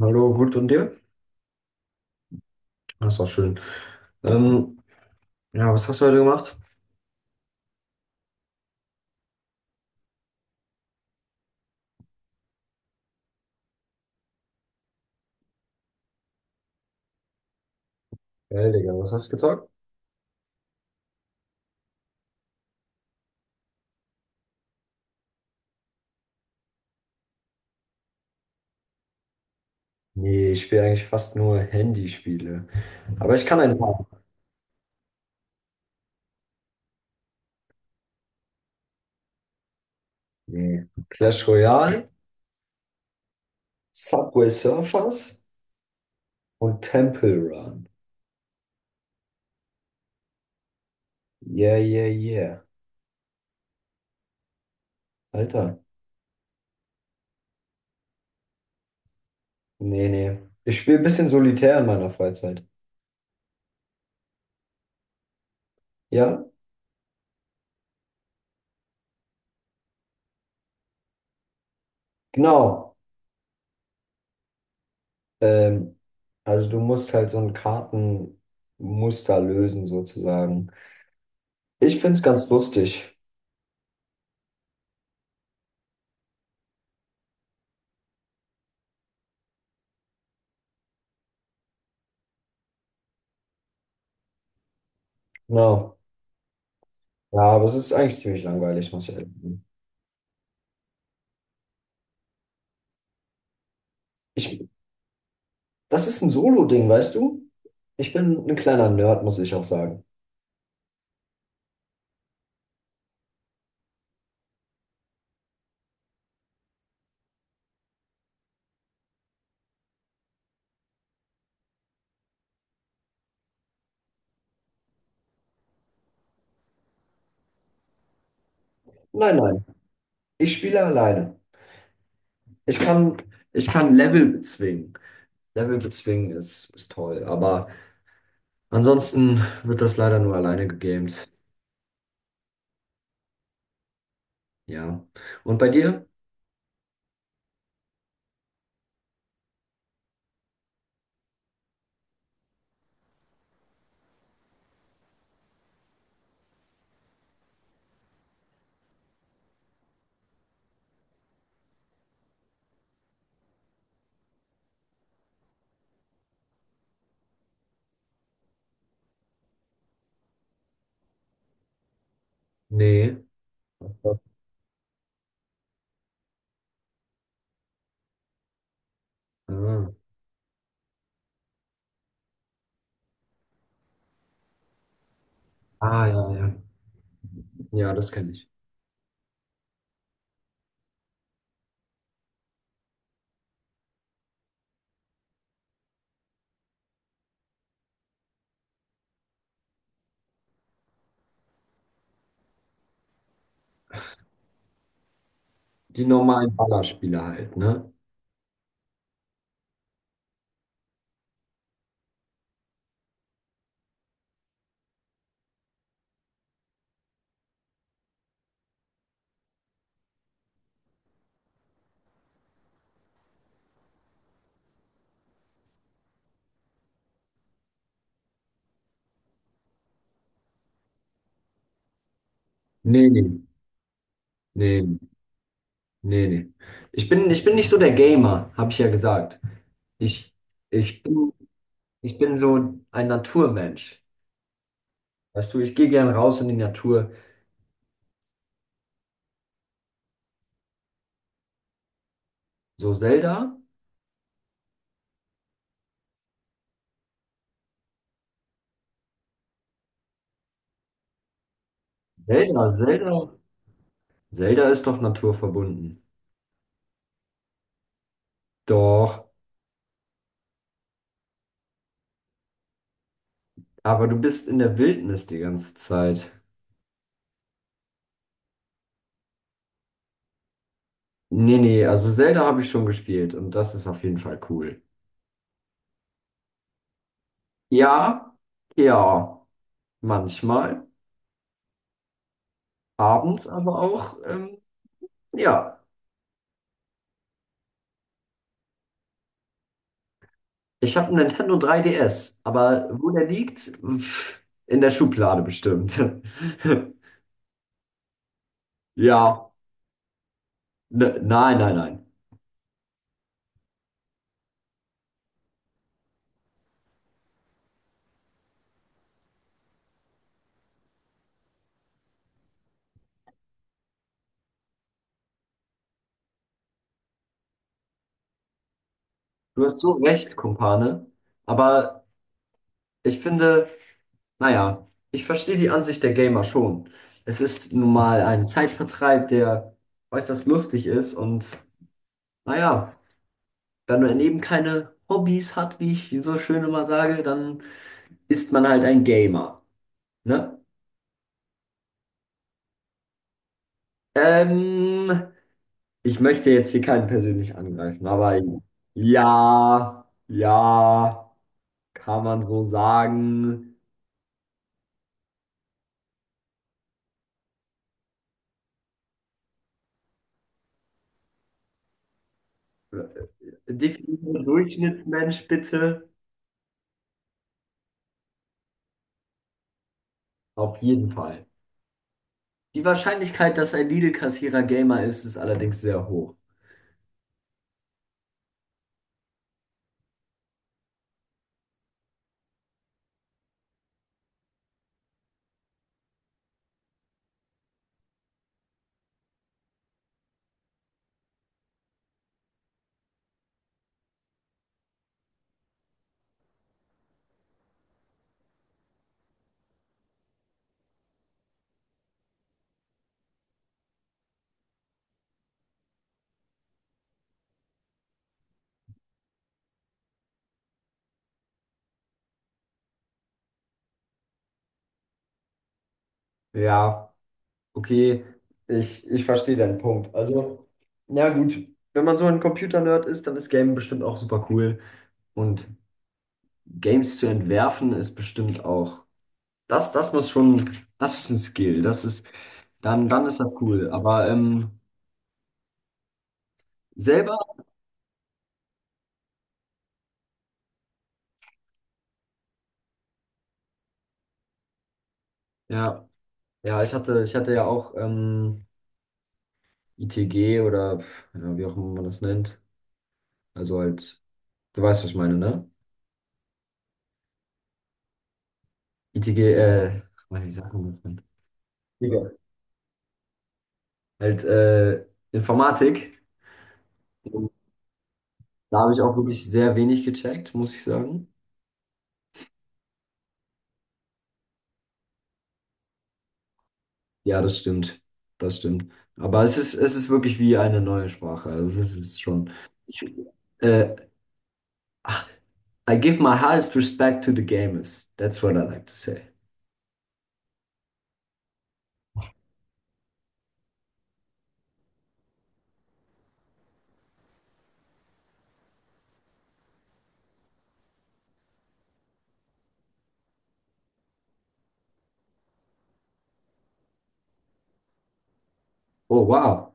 Hallo, gut und dir? Das war schön. Ähm, ja, was hast du heute gemacht? Geil, Digga, was hast du gezockt? Nee, ich spiele eigentlich fast nur Handyspiele. Aber ich kann ein paar. Nee. Clash Royale, Subway Surfers und Temple Run. Yeah, yeah, yeah. Alter. Nee, nee. Ich spiele ein bisschen solitär in meiner Freizeit. Ja, genau. Ähm, also du musst halt so ein Kartenmuster lösen sozusagen. Ich find's ganz lustig. Genau. Ja, aber es ist eigentlich ziemlich langweilig, muss ich ehrlich sagen. Ich, Das ist ein Solo-Ding, weißt du? Ich bin ein kleiner Nerd, muss ich auch sagen. Nein, nein, ich spiele alleine. Ich kann, Ich kann Level bezwingen. Level bezwingen ist toll, aber ansonsten wird das leider nur alleine gegamed. Ja. Und bei dir? Nee. Ah, ah ja, ja. Ja, das kenne ich. Die normalen Ballerspiele halt, ne? Nee, nee, nee, nee. Nee, nee. Ich bin nicht so der Gamer, habe ich ja gesagt. Ich, ich bin, Ich bin so ein Naturmensch. Weißt du, ich gehe gern raus in die Natur. So Zelda? Zelda. Zelda ist doch naturverbunden. Doch, aber du bist in der Wildnis die ganze Zeit. Nee, nee, also Zelda habe ich schon gespielt und das ist auf jeden Fall cool. Ja, ja, manchmal. Abends aber auch, ja. Ich habe einen Nintendo 3DS, aber wo der liegt? Pff, in der Schublade bestimmt. Ja, ne, nein, nein, nein. Du hast so recht, Kumpane. Aber ich finde, naja, ich verstehe die Ansicht der Gamer schon. Es ist nun mal ein Zeitvertreib, der äußerst lustig ist. Und naja, wenn man eben keine Hobbys hat, wie ich so schön immer sage, dann ist man halt ein Gamer. Ne? Ähm, Ich möchte jetzt hier keinen persönlich angreifen, aber ja, ja, kann man so sagen. Definiere Durchschnittsmensch bitte. Auf jeden Fall. Die Wahrscheinlichkeit, dass ein Lidl-Kassierer Gamer ist, ist allerdings sehr hoch. Ja, okay, ich verstehe deinen Punkt. Also, na gut, wenn man so ein Computer-Nerd ist, dann ist Game bestimmt auch super cool. Und Games zu entwerfen ist bestimmt auch. Das muss schon, das ist ein Skill. Dann ist das cool. Aber selber, ja, ja, ich hatte ja auch ITG oder ja, wie auch immer man das nennt. Also halt, du weißt, was ich meine, ne? ITG, wie sagt man das denn? Egal. Halt Informatik. Und da habe ich auch wirklich sehr wenig gecheckt, muss ich sagen. Ja, das stimmt. Das stimmt. Aber es es ist wirklich wie eine neue Sprache. Also es ist schon. Ich, äh, I give my highest respect to the gamers. That's what I like to say. Oh, wow.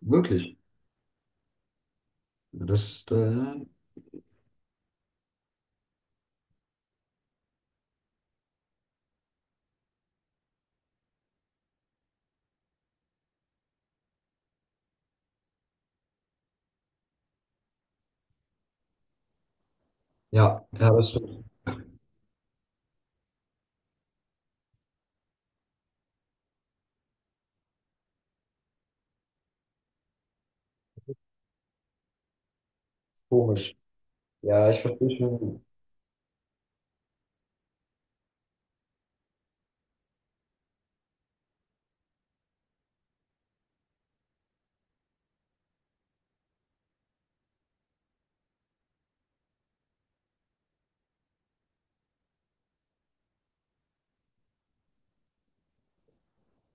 Wirklich. Ja, Das ist, äh, ja, ja, das ist komisch. Ja, ich verstehe schon.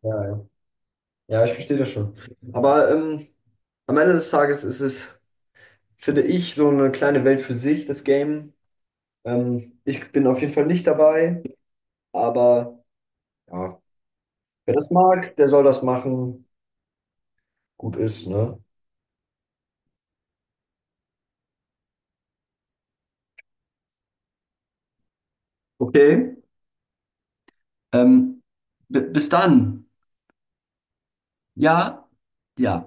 Ja, ja. Ja, ich verstehe das schon. Aber am Ende des Tages ist es, finde ich, so eine kleine Welt für sich, das Game. Ich bin auf jeden Fall nicht dabei, aber ja, wer das mag, der soll das machen. Gut ist, ne? Okay, ähm, bis dann. Ja, ja.